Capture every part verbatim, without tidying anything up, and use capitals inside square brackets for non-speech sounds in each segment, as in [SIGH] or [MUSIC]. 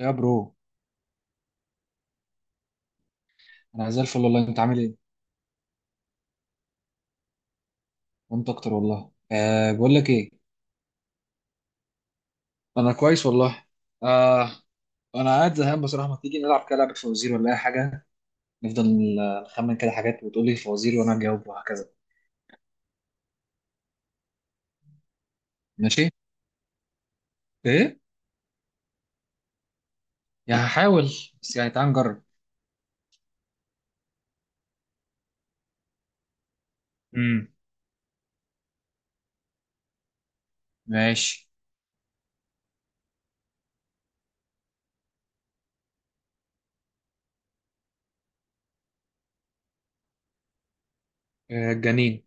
يا برو. انا زي الفل والله. انت عامل ايه؟ وانت اكتر والله. أه، بقول لك ايه. انا كويس والله. أه. انا قاعد زهقان بصراحه. ما تيجي نلعب كده لعبه فوازير ولا اي حاجه؟ نفضل نخمن كده حاجات وتقول لي فوازير وانا اجاوب وهكذا. ماشي. ايه، يعني هحاول. بس يعني تعال نجرب. امم ماشي. أه، الجنين.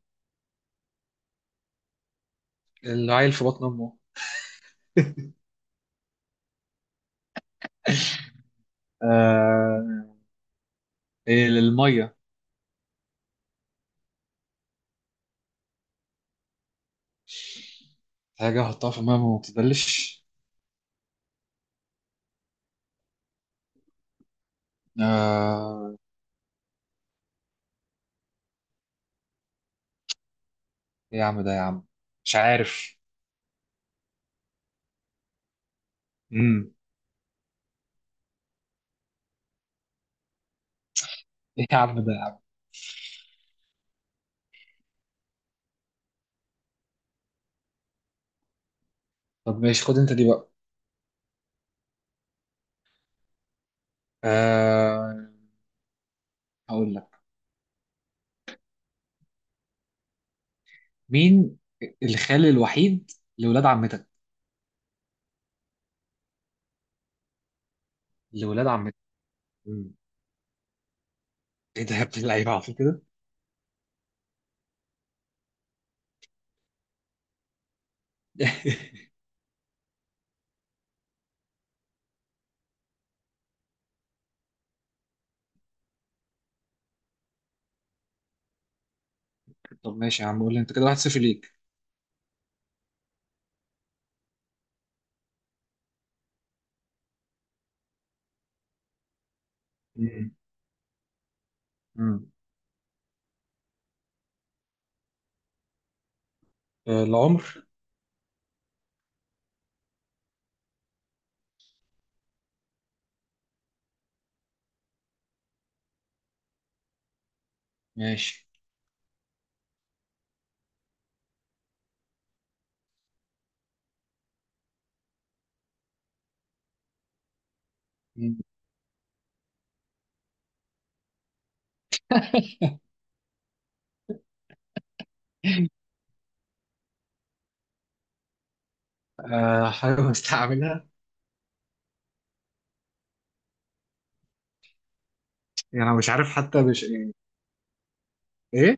العيل في بطن امه. [LAUGHS] أه. إيه الميه؟ حاجه احطها في الميه ما بتتبلش. أه. ايه يا عم ده يا عم. مش عارف. امم. ايه يا عم ده يا عم. طب ماشي، خد انت دي بقى. آه، هقول لك. مين؟ الخال الوحيد لولاد عمتك. لولاد عمتك. مم. ايه ده يا ابن اللعيبه، عارف كده. [LAUGHS] طب ماشي يا عم، قول لي انت، كده واحد صفر ليك. مم. مم. آه، العمر. ماشي. مم. آه، حاجه مستعملها. يعني انا مش عارف حتى، مش يعني. ايه،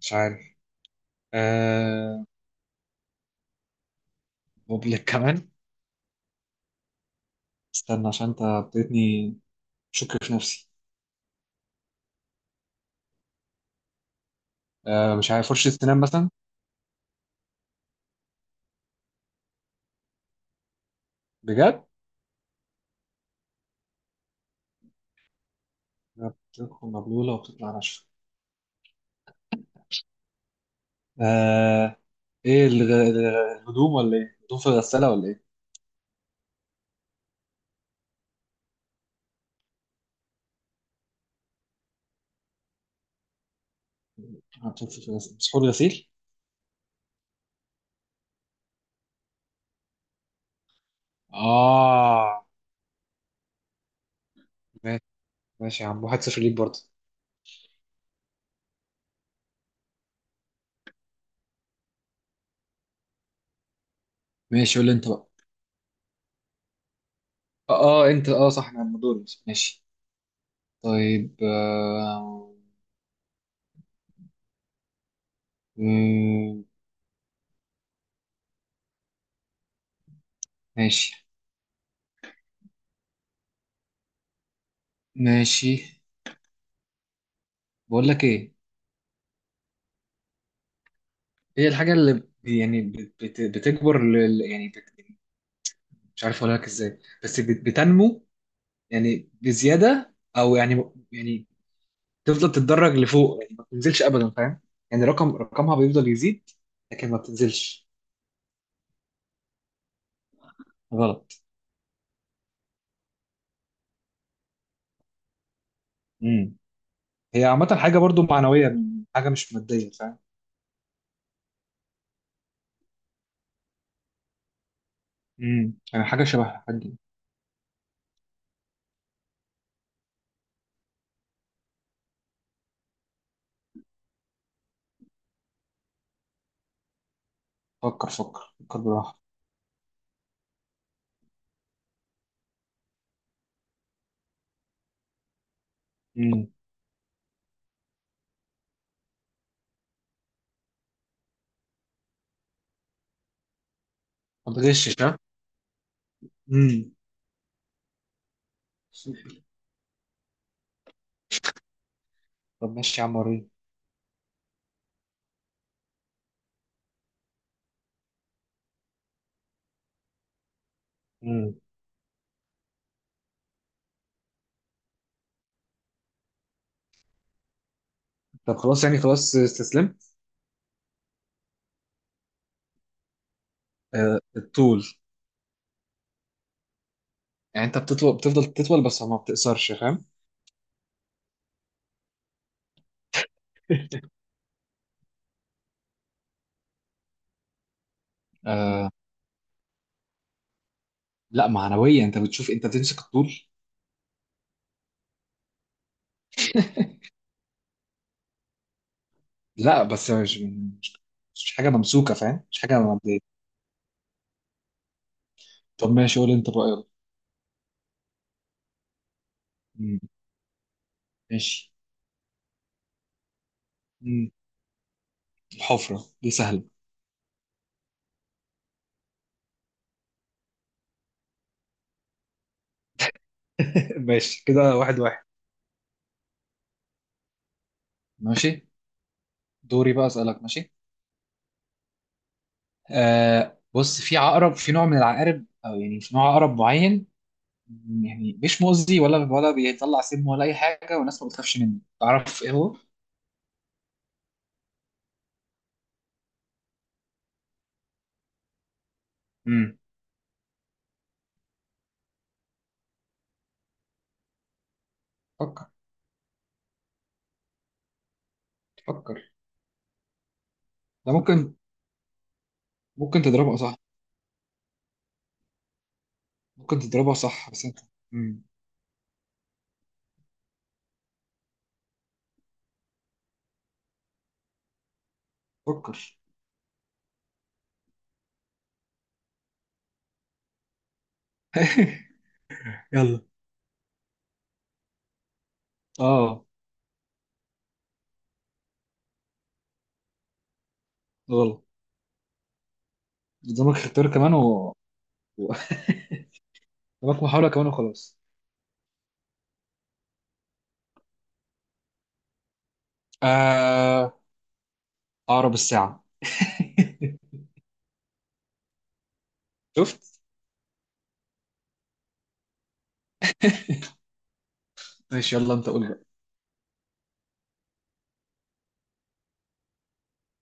مش عارف. آه، بوبليك كمان. استنى عشان انت ابتديتني شك في نفسي. آه، مش عارف. فرشه سنان مثلا. بجد. بتدخل مبلولة وبتطلع ناشفة. آه. ايه الغ- الغ- الهدوم ولا ايه؟ هدوم في الغسالة ولا ايه؟ هدوم في الغسالة مسحور غسيل؟ اه. ماشي. ماشي يا عم، واحد صفر ليك برضه. ماشي، قول لي انت بقى. اه. آه، انت اه صح، انا عم دوري. ماشي. طيب. آه... مم، ماشي ماشي. بقول لك ايه. هي الحاجة اللي ب- يعني بت- بت- بتكبر، ل- ل- يعني بت... مش عارف اقول لك ازاي، بس بت- بتنمو يعني بزيادة، او يعني، يعني تفضل تتدرج لفوق، يعني ما بتنزلش ابدا، فاهم؟ يعني رقم رقمها بيفضل يزيد، لكن ما بتنزلش. غلط. امم. هي عامة حاجة برضو معنوية. حاجة مش مادية، فاهم؟ امم يعني حاجة شبه حاجة. فكر فكر فكر براحة. امم. ما بتغشش ها. امم طب ماشي يا عم، وريني. امم. طب خلاص، يعني خلاص، استسلمت. آه، الطول. يعني انت بتطول، بتفضل تطول، بس ما بتقصرش، فاهم؟ [LAUGHS] آه. لا، معنوية. انت بتشوف، انت بتمسك الطول. لا، بس مش مش مش حاجه ممسوكه، فاهم؟ مش حاجه مبدئيه. طب ماشي، قول انت بقى يلا. مم. ماشي. مم. الحفره دي سهله. [LAUGHS] ماشي كده، واحد واحد. ماشي، دوري بقى اسالك. ماشي. آه، بص، في عقرب، في نوع من العقارب، او يعني في نوع عقرب معين. مم، يعني مش مؤذي ولا ولا بيطلع سم ولا اي حاجه، والناس ما بتخافش منه. تعرف ايه هو؟ امم فكر فكر. ده ممكن. ممكن تضربها صح. ممكن تضربها صح بس انت. امم فكر. [LAUGHS] يلا. اه. غلط. قدامك اختيار كمان و و- قدامك محاولة كمان وخلاص. آه... عقرب الساعة. [LAUGHS] شفت؟ ماشي، يلا انت قول بقى.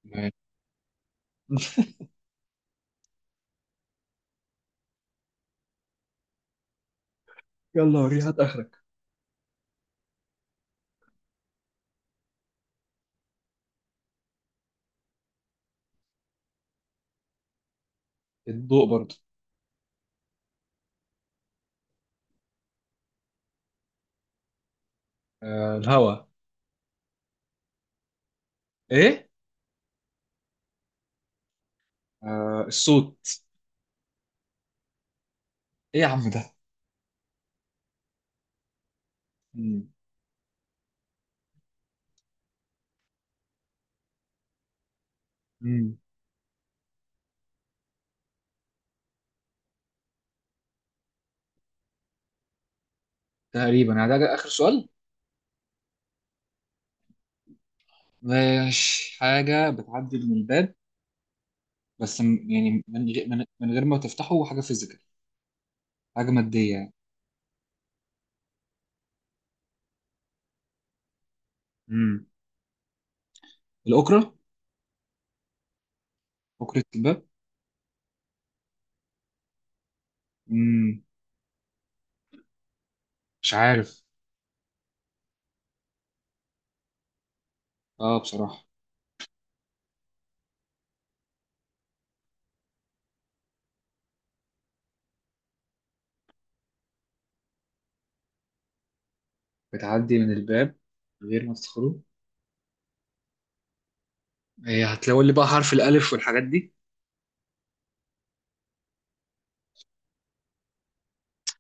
ماشي. [LAUGHS] يلا وريني، هات اخرك. الضوء برضه. آه... الهواء. ايه؟ آه... الصوت. ايه يا عم ده؟ مم. مم. تقريبا، يعني ده اخر سؤال. ماشي، حاجة بتعدي من الباب. بس م- يعني من غير من من غير ما تفتحه، حاجة فيزيكال. حاجة مادية يعني. مم. الأوكرة. أوكرة الباب. مم. مش عارف. اه، بصراحة. بتعدي من الباب من غير ما تدخله. هي هتلاقوا لي بقى حرف الألف والحاجات دي.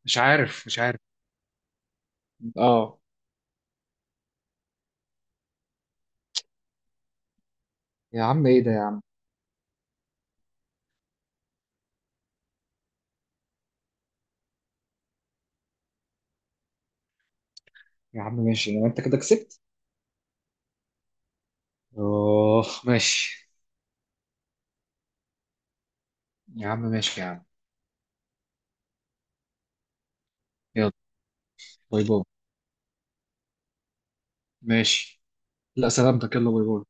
مش عارف، مش عارف. اه. يا عم، ايه ده يا عم. يا عم ماشي، لو انت كده كسبت. اوه، ماشي. يا عم ماشي يا عم. يلا باي باي. ماشي. لا، سلامتك، يلا باي باي.